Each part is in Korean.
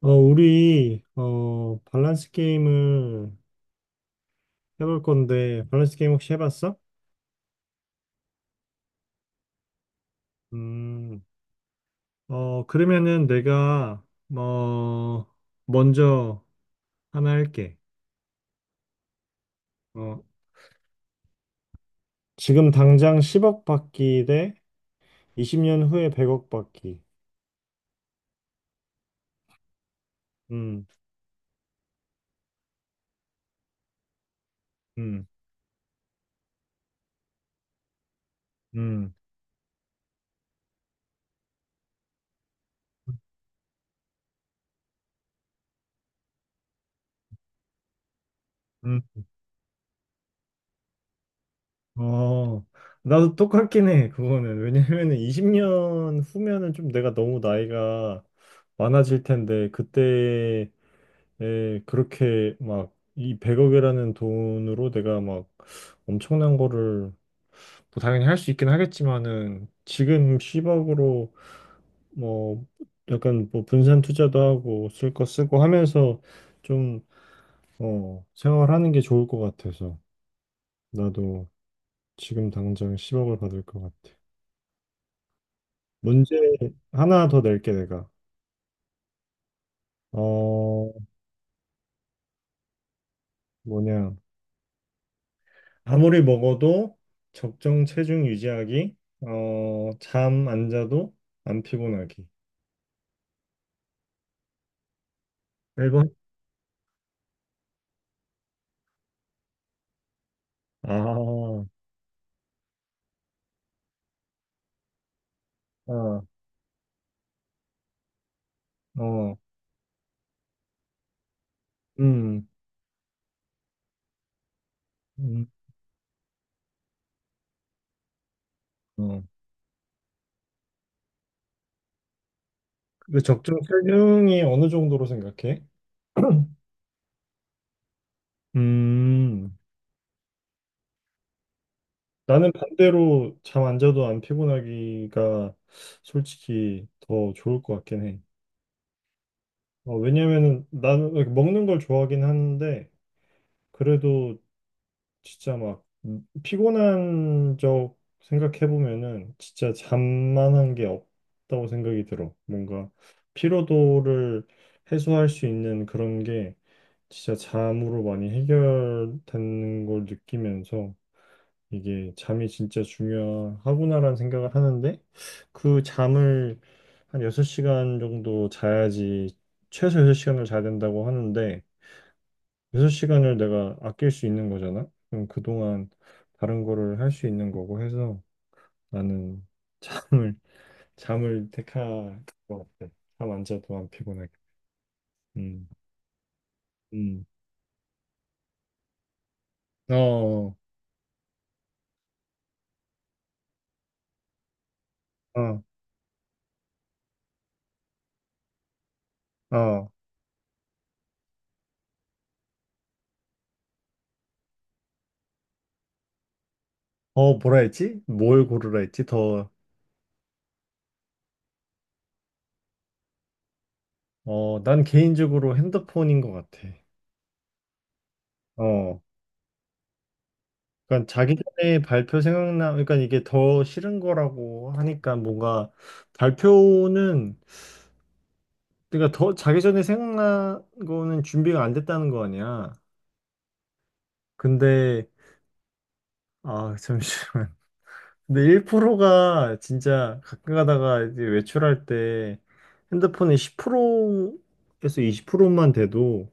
우리, 밸런스 게임을 해볼 건데, 밸런스 게임 혹시 해봤어? 음. 그러면은 내가, 뭐, 먼저 하나 할게. 어, 지금 당장 10억 받기 대 20년 후에 100억 받기. 음. 음. 음. 음. 어, 나도 똑같긴 해, 그거는. 왜냐면은 20년 후면은 좀 내가 너무 나이가 많아질 텐데, 그때 그렇게 막 이 100억이라는 돈으로 내가 막 엄청난 거를 뭐 당연히 할 수 있긴 하겠지만은 지금 10억으로 뭐 약간 뭐 분산 투자도 하고 쓸 거 쓰고 하면서 좀 생활하는 게 좋을 것 같아서 나도 지금 당장 10억을 받을 것 같아. 문제 하나 더 낼게 내가. 어, 뭐냐. 아무리 먹어도 적정 체중 유지하기, 잠 안 자도 안 피곤하기. 1번? 아. 아. 어. 음. 음. 어. 그 적정 체중이 어느 정도로 생각해? 음. 나는 반대로 잠 안 자도 안 피곤하기가 솔직히 더 좋을 것 같긴 해. 왜냐면은 나는 먹는 걸 좋아하긴 하는데, 그래도 진짜 막 피곤한 적 생각해보면은 진짜 잠만한 게 없다고 생각이 들어. 뭔가 피로도를 해소할 수 있는 그런 게 진짜 잠으로 많이 해결되는 걸 느끼면서 이게 잠이 진짜 중요하구나라는 생각을 하는데 그 잠을 한 6시간 정도 자야지 최소 6시간을 자야 된다고 하는데 6시간을 내가 아낄 수 있는 거잖아? 그럼 그동안 다른 거를 할 수 있는 거고 해서 나는 잠을, 잠을 택할 것 같아. 잠안 자도 안 피곤하게. 음. 음. 어. 어. 어. 뭐라 했지? 뭘 고르라 했지? 더, 난 개인적으로 핸드폰인 것 같아. 어. 그러니까 자기 전에 발표 생각나, 그러니까 이게 더 싫은 거라고 하니까 뭔가 발표는 그러니까 더 자기 전에 생각난 거는 준비가 안 됐다는 거 아니야. 근데 아 잠시만. 근데 1%가 진짜 가끔 가다가 이제 외출할 때 핸드폰이 10%에서 20%만 돼도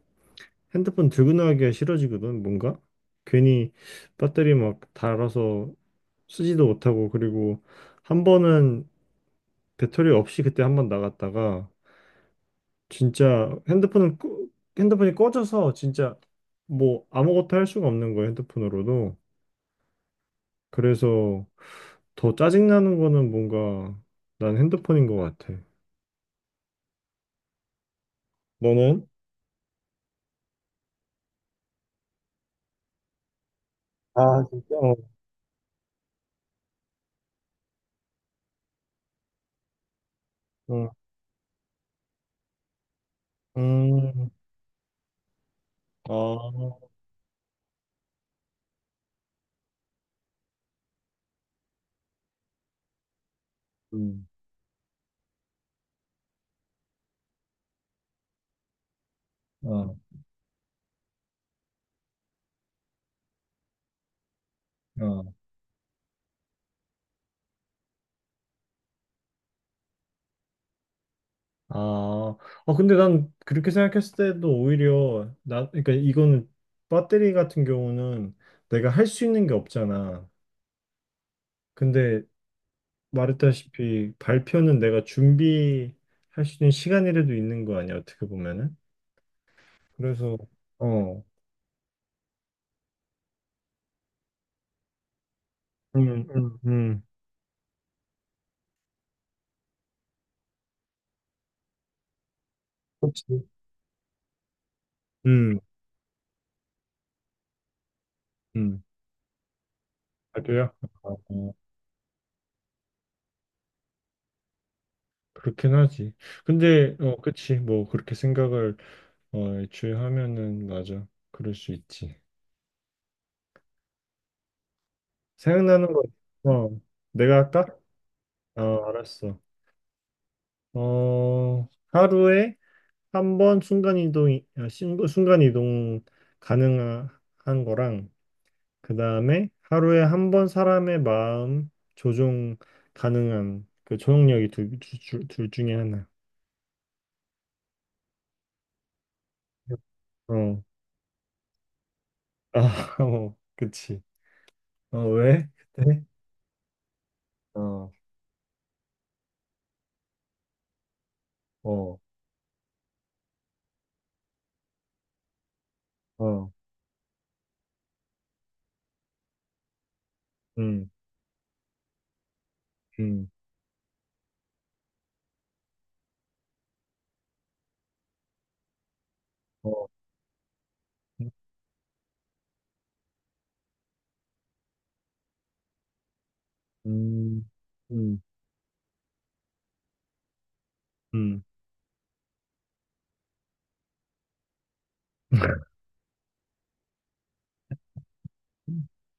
핸드폰 들고 나가기가 싫어지거든. 뭔가 괜히 배터리 막 닳아서 쓰지도 못하고 그리고 한 번은 배터리 없이 그때 한 번 나갔다가 진짜 핸드폰이 꺼져서 진짜 뭐 아무것도 할 수가 없는 거예요, 핸드폰으로도. 그래서 더 짜증나는 거는 뭔가 난 핸드폰인 것 같아. 너는? 아, 진짜? 어. 응. 음. 아. 음. 어. 어. 아, 아, 근데 난 그렇게 생각했을 때도 오히려 나, 그러니까 이거는 배터리 같은 경우는 내가 할 수 있는 게 없잖아. 근데 말했다시피 발표는 내가 준비할 수 있는 시간이라도 있는 거 아니야, 어떻게 보면은. 그래서, 어. 음. 음. 음. 그렇지. 음. 음. 발표야? 어, 그렇긴 하지. 근데, 그치. 뭐, 그렇게 생각을, 애초에 하면은, 맞아. 그럴 수 있지. 생각나는 거, 어, 내가 할까? 알았어. 하루에 한 번 순간이동 가능한 거랑, 그 다음에 하루에 한 번 사람의 마음 조종 가능한 그 조종력이 둘 중에 하나. 어, 아. 어, 그치. 왜? 그때? 어. 어. 어. 음. 음. 어. 음. 음. 음.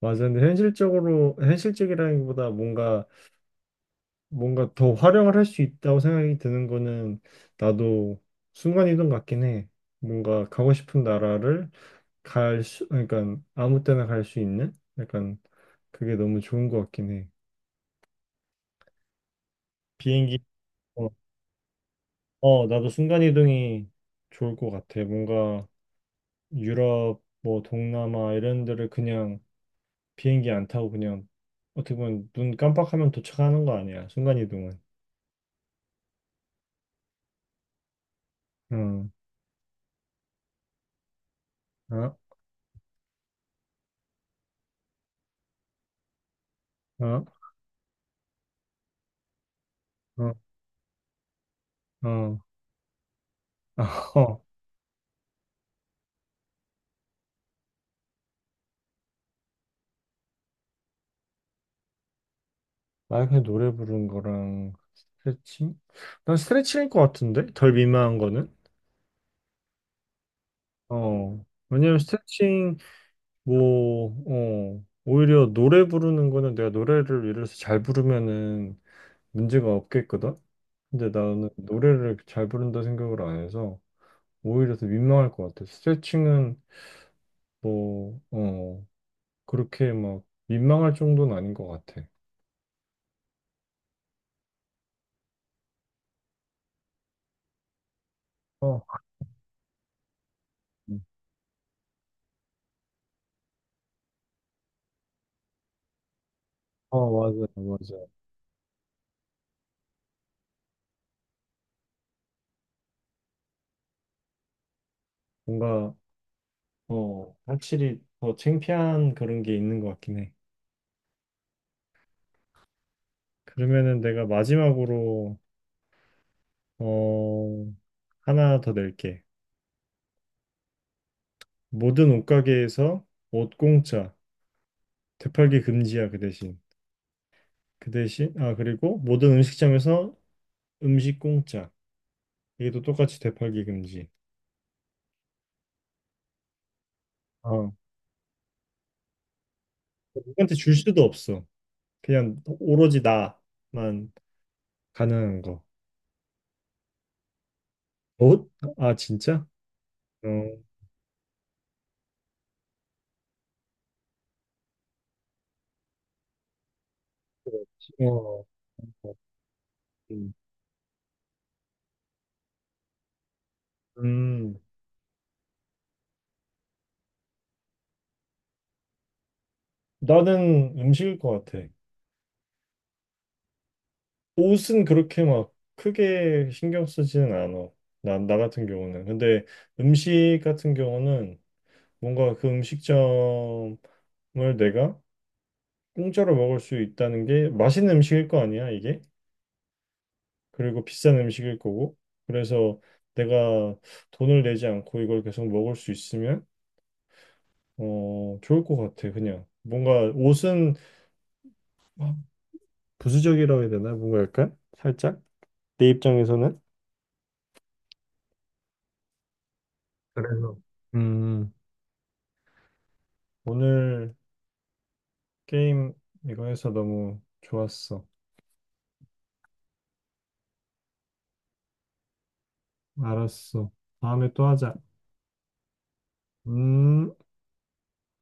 맞아. 근데 현실적으로, 현실적이라기보다 뭔가 더 활용을 할 수 있다고 생각이 드는 거는 나도 순간이동 같긴 해. 뭔가 가고 싶은 나라를 갈 수, 그러니까 아무 때나 갈 수 있는 약간 그게 너무 좋은 것 같긴 해. 비행기, 어, 나도 순간이동이 좋을 것 같아. 뭔가 유럽, 뭐 동남아 이런 데를 그냥 비행기 안 타고 그냥 어떻게 보면 눈 깜빡하면 도착하는 거 아니야. 순간이동은. 응. 어. 어. 어. 어. 어. 만약에 노래 부르는 거랑 스트레칭? 난 스트레칭일 것 같은데? 덜 민망한 거는? 어. 왜냐면 스트레칭, 뭐, 어. 오히려 노래 부르는 거는 내가 노래를 예를 들어서 잘 부르면은 문제가 없겠거든? 근데 나는 노래를 잘 부른다 생각을 안 해서 오히려 더 민망할 것 같아. 스트레칭은 뭐, 어. 그렇게 막 민망할 정도는 아닌 것 같아. 어, 어, 맞아, 맞아. 뭔가 확실히 더 창피한 그런 게 있는 것 같긴 해. 그러면은 내가 마지막으로 어, 하나 더 낼게. 모든 옷가게에서 옷 공짜, 되팔기 금지야 그 대신. 그 대신 아 그리고 모든 음식점에서 음식 공짜. 이게 또 똑같이 되팔기 금지. 어. 누구한테 줄 수도 없어. 그냥 오로지 나만 가능한 거. 옷? 아 진짜? 어. 그렇지. 어. 음. 음. 나는 음식일 것 같아. 옷은 그렇게 막 크게 신경 쓰지는 않아. 나 같은 경우는. 근데 음식 같은 경우는 뭔가 그 음식점을 내가 공짜로 먹을 수 있다는 게 맛있는 음식일 거 아니야, 이게? 그리고 비싼 음식일 거고. 그래서 내가 돈을 내지 않고 이걸 계속 먹을 수 있으면 좋을 것 같아, 그냥. 뭔가 옷은 부수적이라고 해야 되나? 뭔가 약간 살짝 내 입장에서는. 그래서 음 오늘 게임 이거 해서 너무 좋았어. 알았어. 다음에 또 하자. 음.